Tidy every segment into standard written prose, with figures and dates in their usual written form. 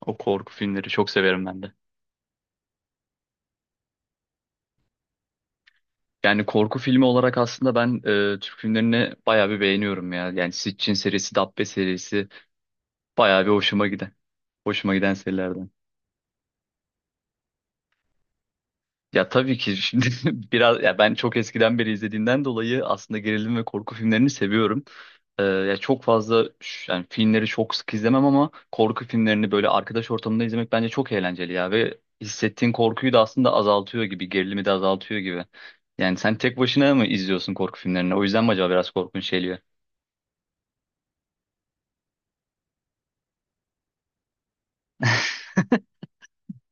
O korku filmleri çok severim ben de. Yani korku filmi olarak aslında ben Türk filmlerini bayağı bir beğeniyorum ya. Yani Sitchin serisi, Dabbe serisi bayağı bir hoşuma giden. Hoşuma giden serilerden. Ya tabii ki şimdi biraz ya ben çok eskiden beri izlediğimden dolayı aslında gerilim ve korku filmlerini seviyorum. Ya çok fazla yani filmleri çok sık izlemem ama korku filmlerini böyle arkadaş ortamında izlemek bence çok eğlenceli ya ve hissettiğin korkuyu da aslında azaltıyor gibi, gerilimi de azaltıyor gibi. Yani sen tek başına mı izliyorsun korku filmlerini? O yüzden mi acaba biraz korkunç geliyor?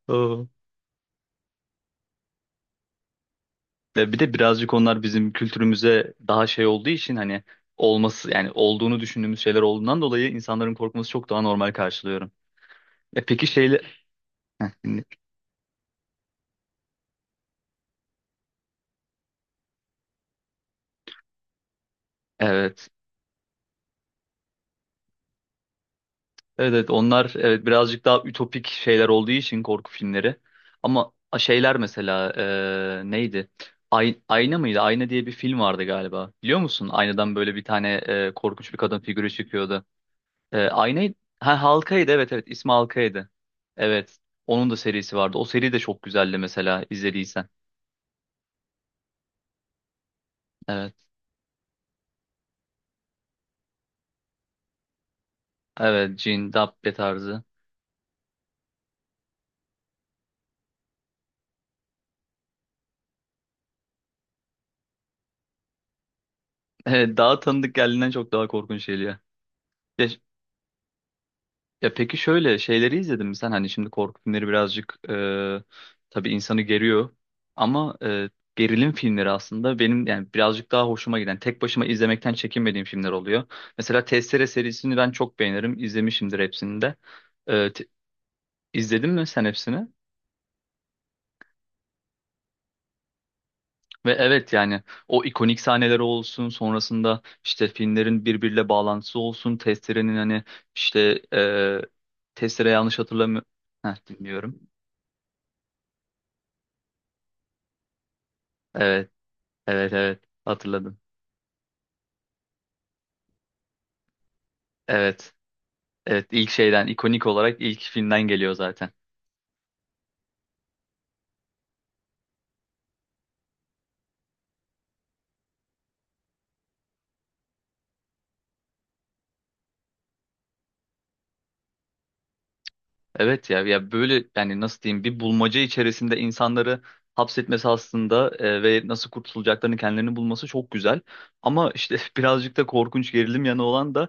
Oo. Ve bir de birazcık onlar bizim kültürümüze daha şey olduğu için hani olması yani olduğunu düşündüğümüz şeyler olduğundan dolayı insanların korkması çok daha normal karşılıyorum. E peki evet. Evet evet onlar evet birazcık daha ütopik şeyler olduğu için korku filmleri. Ama şeyler mesela neydi? Ay, Ayna mıydı? Ayna diye bir film vardı galiba. Biliyor musun? Aynadan böyle bir tane korkunç bir kadın figürü çıkıyordu. Aynayı ha Halkaydı, evet evet ismi Halkaydı. Evet. Onun da serisi vardı. O seri de çok güzeldi mesela izlediysen. Evet. Evet Cin, Dabbe tarzı. Evet, daha tanıdık geldiğinden çok daha korkunç geliyor. Ya, Ya peki şöyle şeyleri izledin mi sen? Hani şimdi korku filmleri birazcık tabii insanı geriyor ama gerilim filmleri aslında benim yani birazcık daha hoşuma giden, tek başıma izlemekten çekinmediğim filmler oluyor. Mesela Testere serisini ben çok beğenirim, izlemişimdir hepsini de. E, te- izledin mi sen hepsini? Ve evet yani o ikonik sahneleri olsun, sonrasında işte filmlerin birbiriyle bağlantısı olsun, Testere'nin hani işte Testere yanlış hatırlamıyorum. Heh, dinliyorum. Evet. Evet evet hatırladım. Evet. Evet ilk şeyden ikonik olarak ilk filmden geliyor zaten. Evet ya ya böyle yani nasıl diyeyim bir bulmaca içerisinde insanları hapsetmesi aslında ve nasıl kurtulacaklarını kendilerini bulması çok güzel. Ama işte birazcık da korkunç gerilim yanı olan da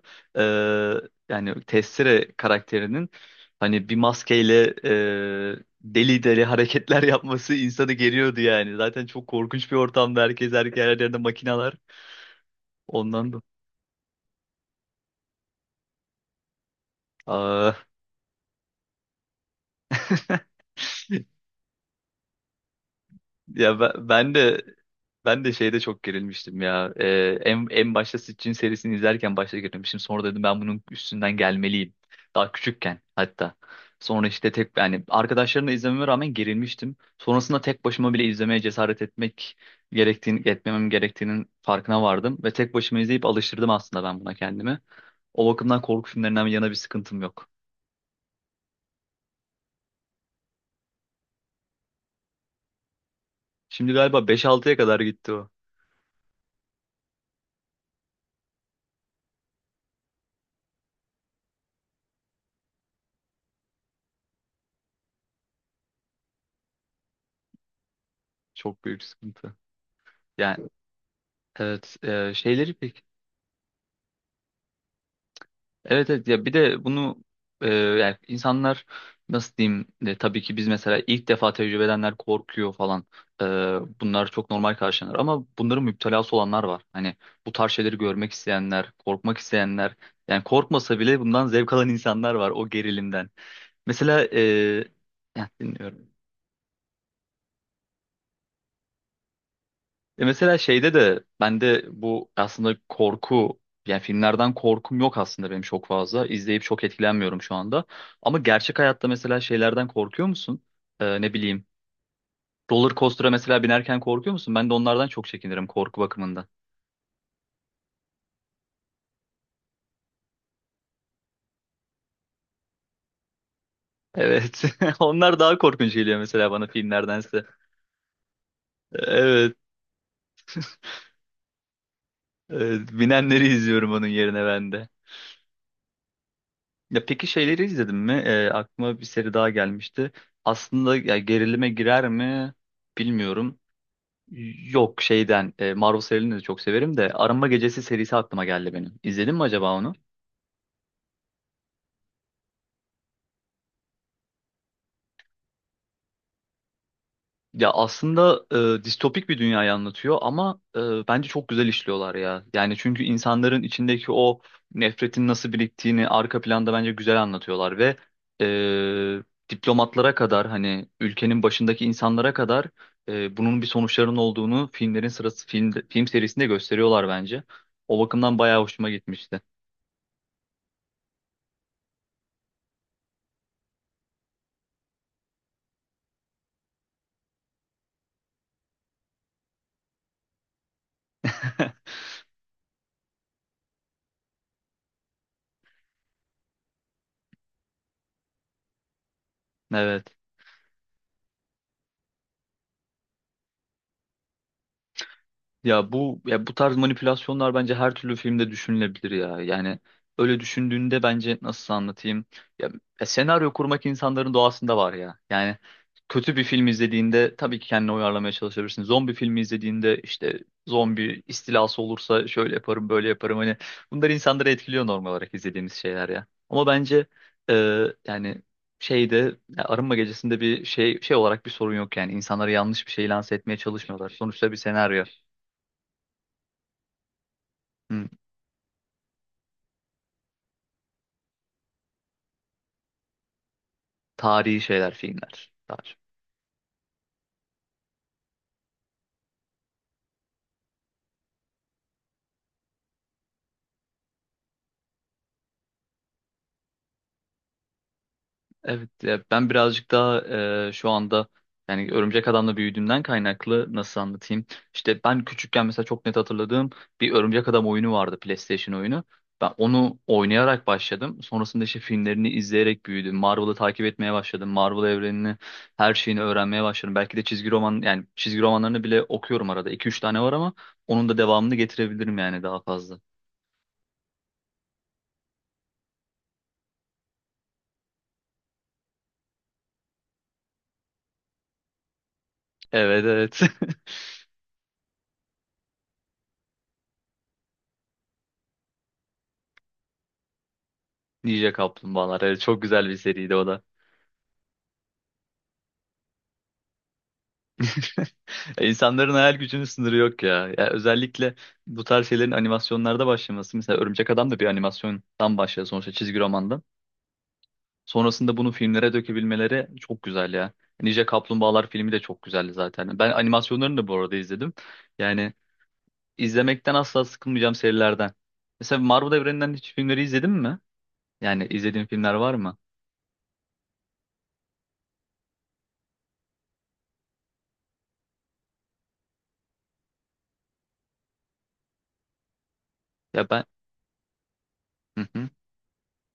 yani Tessere karakterinin hani bir maskeyle deli deli hareketler yapması insanı geriyordu yani. Zaten çok korkunç bir ortamda herkes her yerlerinde makineler ondan da. Aa. Ya ben de şeyde çok gerilmiştim ya. En başta Sitchin serisini izlerken başta gerilmiştim. Sonra dedim ben bunun üstünden gelmeliyim. Daha küçükken hatta. Sonra işte tek yani arkadaşlarımla izlememe rağmen gerilmiştim. Sonrasında tek başıma bile izlemeye cesaret etmek gerektiğini etmemem gerektiğinin farkına vardım ve tek başıma izleyip alıştırdım aslında ben buna kendimi. O bakımdan korku filmlerinden yana bir sıkıntım yok. Şimdi galiba beş altıya kadar gitti o. Çok büyük sıkıntı. Yani evet, şeyleri pek. Evet evet ya bir de bunu yani insanlar nasıl diyeyim tabii ki biz mesela ilk defa tecrübe edenler korkuyor falan. E, Bunlar çok normal karşılanır ama bunların müptelası olanlar var. Hani bu tarz şeyleri görmek isteyenler, korkmak isteyenler yani korkmasa bile bundan zevk alan insanlar var o gerilimden. Mesela ya, dinliyorum. E mesela şeyde de bende bu aslında korku yani filmlerden korkum yok aslında benim çok fazla. İzleyip çok etkilenmiyorum şu anda. Ama gerçek hayatta mesela şeylerden korkuyor musun? Ne bileyim. Roller coaster'a mesela binerken korkuyor musun? Ben de onlardan çok çekinirim korku bakımından. Evet. Onlar daha korkunç geliyor mesela bana filmlerdense. Evet. Evet. Binenleri izliyorum onun yerine ben de. Ya peki şeyleri izledin mi? Aklıma bir seri daha gelmişti. Aslında ya gerilime girer mi bilmiyorum. Yok şeyden Marvel serilerini de çok severim de Arınma Gecesi serisi aklıma geldi benim. İzledin mi acaba onu? Ya aslında distopik bir dünyayı anlatıyor ama bence çok güzel işliyorlar ya. Yani çünkü insanların içindeki o nefretin nasıl biriktiğini arka planda bence güzel anlatıyorlar ve e, diplomatlara kadar hani ülkenin başındaki insanlara kadar bunun bir sonuçlarının olduğunu filmlerin sırası film film serisinde gösteriyorlar bence. O bakımdan bayağı hoşuma gitmişti. Evet. Ya bu tarz manipülasyonlar bence her türlü filmde düşünülebilir ya. Yani öyle düşündüğünde bence nasıl anlatayım? Ya, ya senaryo kurmak insanların doğasında var ya. Yani kötü bir film izlediğinde tabii ki kendini uyarlamaya çalışabilirsin. Zombi filmi izlediğinde işte zombi istilası olursa şöyle yaparım, böyle yaparım. Hani bunlar insanları etkiliyor normal olarak izlediğimiz şeyler ya. Ama bence e, yani şeyde ya Arınma Gecesi'nde bir şey şey olarak bir sorun yok yani. İnsanlara yanlış bir şey lanse etmeye çalışmıyorlar. Sonuçta bir senaryo. Hı. Tarihi şeyler, filmler daha çok. Evet, ya ben birazcık daha şu anda yani Örümcek Adam'la büyüdüğümden kaynaklı nasıl anlatayım? İşte ben küçükken mesela çok net hatırladığım bir Örümcek Adam oyunu vardı, PlayStation oyunu. Ben onu oynayarak başladım. Sonrasında işte filmlerini izleyerek büyüdüm. Marvel'ı takip etmeye başladım. Marvel evrenini, her şeyini öğrenmeye başladım. Belki de çizgi roman yani çizgi romanlarını bile okuyorum arada. 2 üç tane var ama onun da devamını getirebilirim yani daha fazla. Evet, evet. Ninja Kaplumbağalar. Evet, çok güzel bir seriydi o da. İnsanların hayal gücünün sınırı yok ya. Ya özellikle bu tarz şeylerin animasyonlarda başlaması. Mesela Örümcek Adam da bir animasyondan başlıyor sonuçta çizgi romandan. Sonrasında bunu filmlere dökebilmeleri çok güzel ya. Ninja Kaplumbağalar filmi de çok güzeldi zaten. Ben animasyonlarını da bu arada izledim. Yani izlemekten asla sıkılmayacağım serilerden. Mesela Marvel evreninden hiç filmleri izledin mi? Yani izlediğin filmler var mı? Ya ben...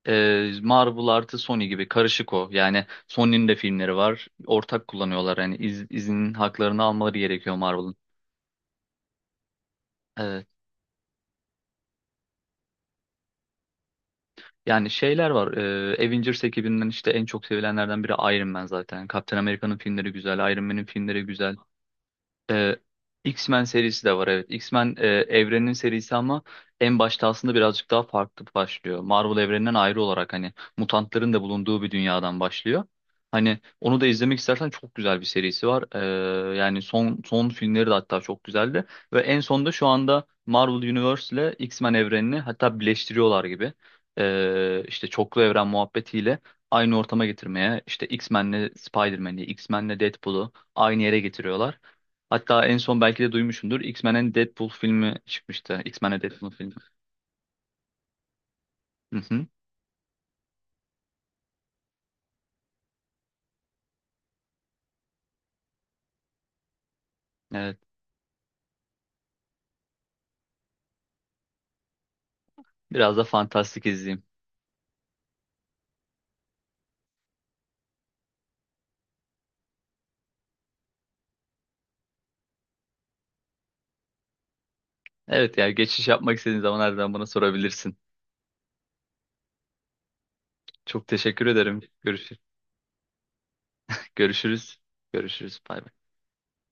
Marvel artı Sony gibi karışık o. Yani Sony'nin de filmleri var. Ortak kullanıyorlar. Yani izin haklarını almaları gerekiyor Marvel'ın. Evet. Yani şeyler var. Avengers ekibinden işte en çok sevilenlerden biri Iron Man zaten. Captain America'nın filmleri güzel. Iron Man'in filmleri güzel. Ee, X-Men serisi de var evet. X-Men evrenin serisi ama en başta aslında birazcık daha farklı başlıyor. Marvel evreninden ayrı olarak hani mutantların da bulunduğu bir dünyadan başlıyor. Hani onu da izlemek istersen çok güzel bir serisi var. Yani son son filmleri de hatta çok güzeldi. Ve en sonunda şu anda Marvel Universe ile X-Men evrenini hatta birleştiriyorlar gibi. İşte çoklu evren muhabbetiyle aynı ortama getirmeye işte X-Men'le Spider-Man'i, X-Men'le Deadpool'u aynı yere getiriyorlar. Hatta en son belki de duymuşsundur. X-Men'in Deadpool filmi çıkmıştı. X-Men'e Deadpool filmi. Hı hı. Evet. Biraz da fantastik izleyeyim. Evet ya geçiş yapmak istediğin zaman her zaman bana sorabilirsin. Çok teşekkür ederim. Görüşürüz. Görüşürüz. Görüşürüz. Bay bay.